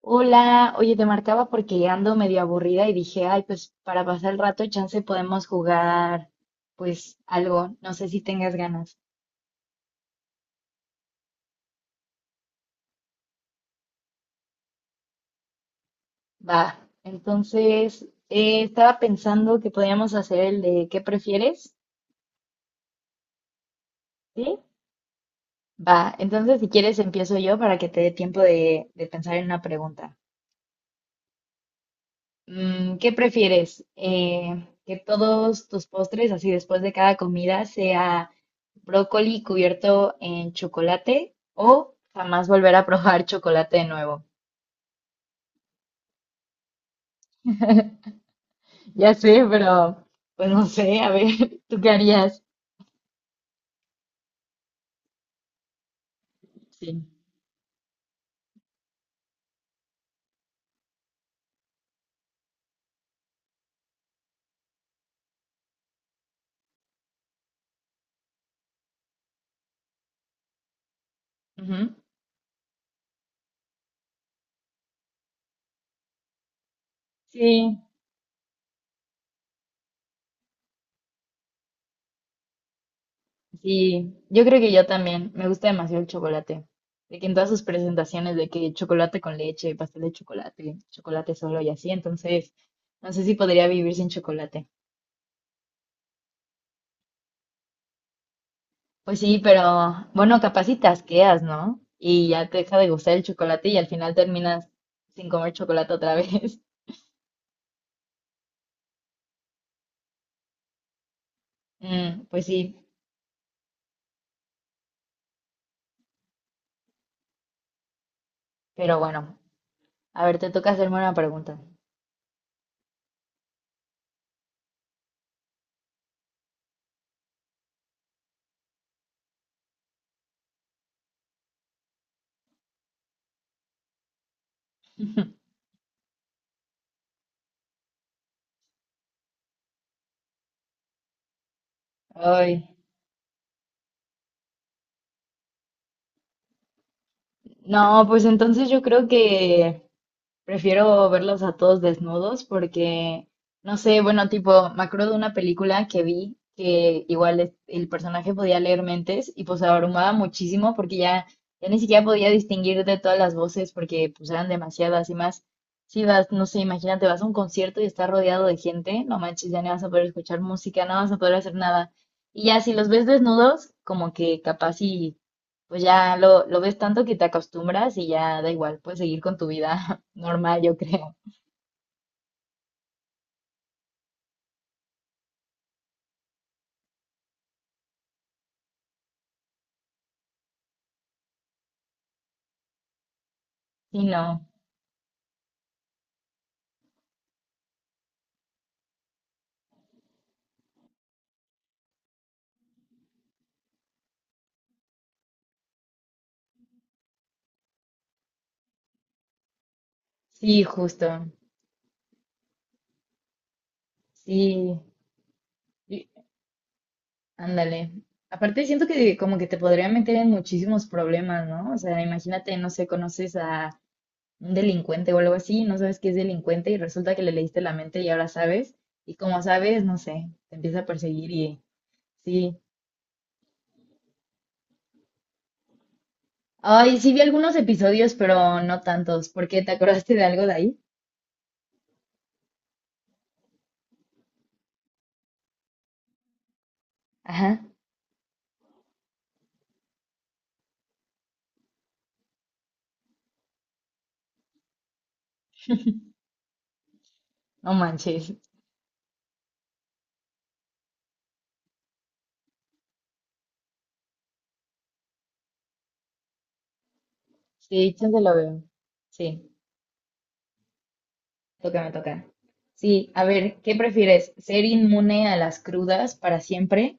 Hola, oye, te marcaba porque ando medio aburrida y dije, ay, pues para pasar el rato, chance podemos jugar, pues algo, no sé si tengas ganas. Va, entonces estaba pensando que podíamos hacer el de ¿qué prefieres? ¿Sí? Va, entonces si quieres empiezo yo para que te dé tiempo de pensar en una pregunta. ¿Qué prefieres? ¿Que todos tus postres, así después de cada comida, sea brócoli cubierto en chocolate o jamás volver a probar chocolate de nuevo? Ya sé, pero pues no sé, a ver, ¿tú qué harías? Sí. Ujú. Sí, sí, yo creo que yo también. Me gusta demasiado el chocolate. De que en todas sus presentaciones, de que chocolate con leche, pastel de chocolate, chocolate solo y así, entonces no sé si podría vivir sin chocolate. Pues sí, pero bueno, capaz si te, ¿no? Y ya te deja de gustar el chocolate y al final terminas sin comer chocolate otra vez. Mm, pues sí, pero bueno, a ver, te toca hacerme una pregunta. Ay, no, pues entonces yo creo que prefiero verlos a todos desnudos porque, no sé, bueno, tipo, me acuerdo de una película que vi que igual el personaje podía leer mentes y pues abrumaba muchísimo porque ya, ya ni siquiera podía distinguir de todas las voces porque pues eran demasiadas y más. Si vas, no sé, imagínate, vas a un concierto y estás rodeado de gente, no manches, ya no vas a poder escuchar música, no vas a poder hacer nada. Y ya si los ves desnudos, como que capaz pues ya lo ves tanto que te acostumbras y ya da igual, puedes seguir con tu vida normal, yo creo. Sí, no. Sí, justo. Sí. Y ándale. Aparte siento que como que te podría meter en muchísimos problemas, ¿no? O sea, imagínate, no sé, conoces a un delincuente o algo así, no sabes que es delincuente y resulta que le leíste la mente y ahora sabes. Y como sabes, no sé, te empieza a perseguir y sí. Ay, sí vi algunos episodios, pero no tantos, ¿por qué te acordaste de algo de ahí? Ajá, no manches. Sí, chance lo veo. Sí, toca, me toca. Sí, a ver, ¿qué prefieres? ¿Ser inmune a las crudas para siempre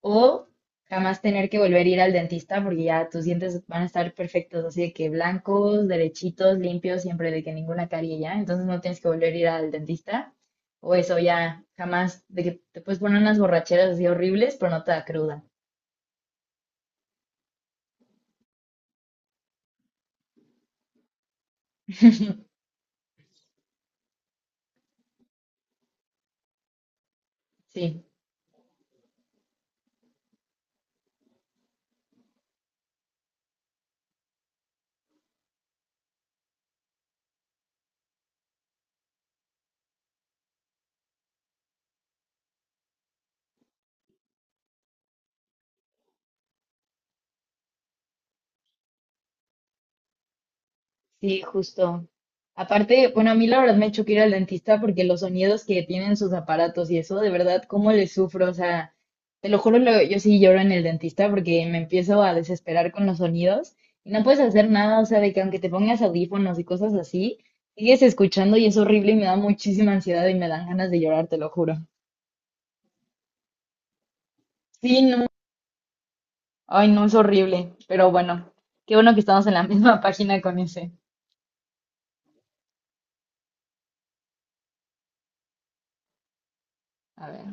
o jamás tener que volver a ir al dentista porque ya tus dientes van a estar perfectos, así de que blancos, derechitos, limpios, siempre de que ninguna carie ya, entonces no tienes que volver a ir al dentista? O eso ya, jamás, de que te puedes poner unas borracheras así horribles, pero no te da cruda. Sí. Sí, justo. Aparte, bueno, a mí la verdad me choca ir al dentista porque los sonidos que tienen sus aparatos y eso, de verdad, cómo les sufro. O sea, te lo juro, yo sí lloro en el dentista porque me empiezo a desesperar con los sonidos y no puedes hacer nada. O sea, de que aunque te pongas audífonos y cosas así, sigues escuchando y es horrible y me da muchísima ansiedad y me dan ganas de llorar, te lo juro. Sí, no. Ay, no, es horrible. Pero bueno, qué bueno que estamos en la misma página con ese. A ver.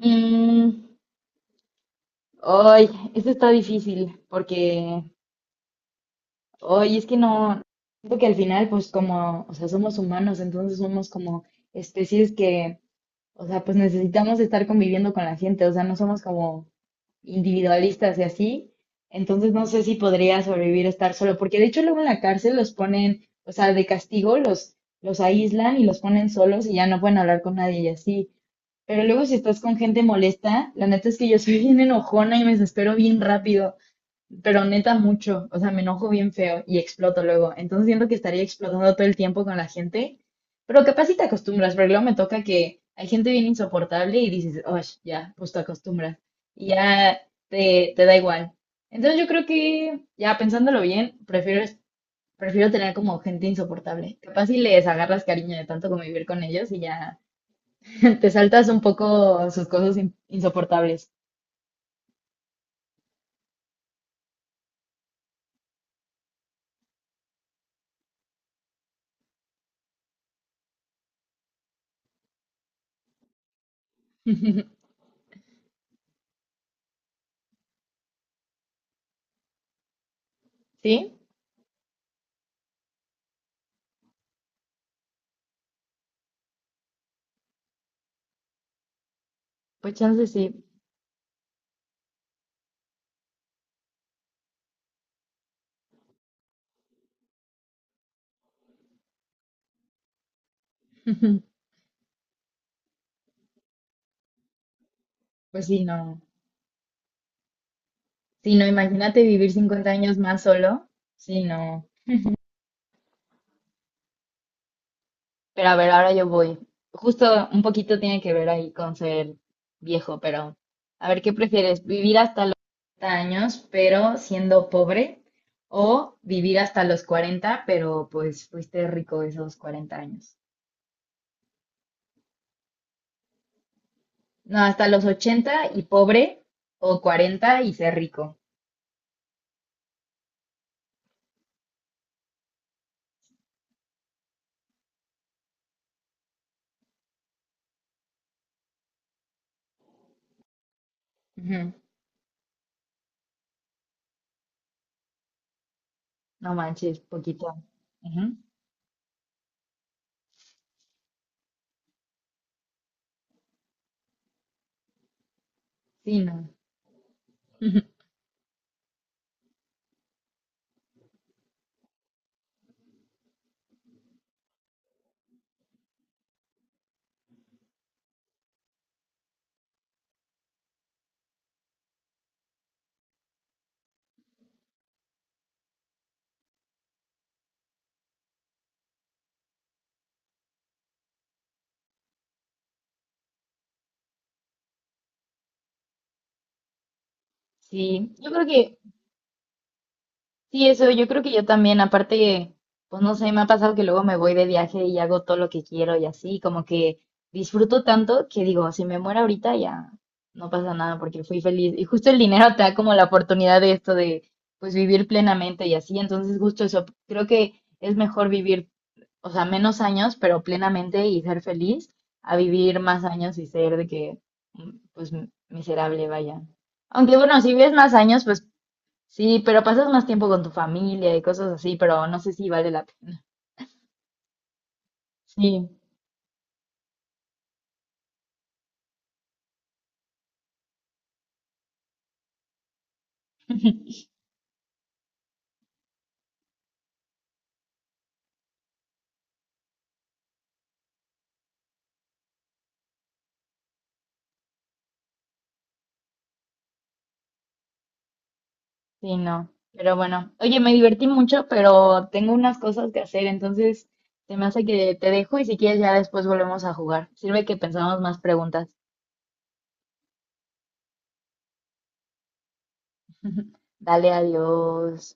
Mm. Ay, esto está difícil porque, ay, es que no, siento que al final, pues como, o sea, somos humanos, entonces somos como especies que, o sea, pues necesitamos estar conviviendo con la gente, o sea, no somos como individualistas y así, entonces no sé si podría sobrevivir estar solo, porque de hecho luego en la cárcel los ponen, o sea, de castigo los aíslan y los ponen solos y ya no pueden hablar con nadie y así. Pero luego si estás con gente molesta, la neta es que yo soy bien enojona y me desespero bien rápido. Pero neta mucho, o sea, me enojo bien feo y exploto luego. Entonces siento que estaría explotando todo el tiempo con la gente, pero capaz si te acostumbras, porque luego me toca que hay gente bien insoportable y dices, oh, ya, pues te acostumbras y ya te da igual. Entonces yo creo que, ya pensándolo bien, prefiero, prefiero tener como gente insoportable. Capaz si les agarras cariño de tanto convivir con ellos y ya te saltas un poco sus cosas insoportables. ¿Sí? Pues chance sí. Pues sí, no. Sí, no, imagínate vivir 50 años más solo. Sí, no. Pero a ver, ahora yo voy. Justo un poquito tiene que ver ahí con ser viejo, pero a ver, ¿qué prefieres? ¿Vivir hasta los 40 años, pero siendo pobre? ¿O vivir hasta los 40 pero pues fuiste rico esos 40 años? No, hasta los 80 y pobre, o 40 y ser rico. Ujú. No manches, poquito. Ujú. Sí, no. Sí, yo creo que. Sí, eso yo creo que yo también, aparte, pues no sé, me ha pasado que luego me voy de viaje y hago todo lo que quiero y así, como que disfruto tanto que digo, si me muero ahorita ya no pasa nada porque fui feliz. Y justo el dinero te da como la oportunidad de esto de, pues vivir plenamente y así, entonces justo eso, creo que es mejor vivir, o sea, menos años, pero plenamente y ser feliz, a vivir más años y ser de que, pues, miserable, vaya. Aunque bueno, si vives más años, pues sí, pero pasas más tiempo con tu familia y cosas así, pero no sé si vale la pena. Sí, sí, no. Pero bueno, oye, me divertí mucho, pero tengo unas cosas que hacer, entonces se me hace que te dejo y si quieres ya después volvemos a jugar. Sirve que pensamos más preguntas. Dale, adiós.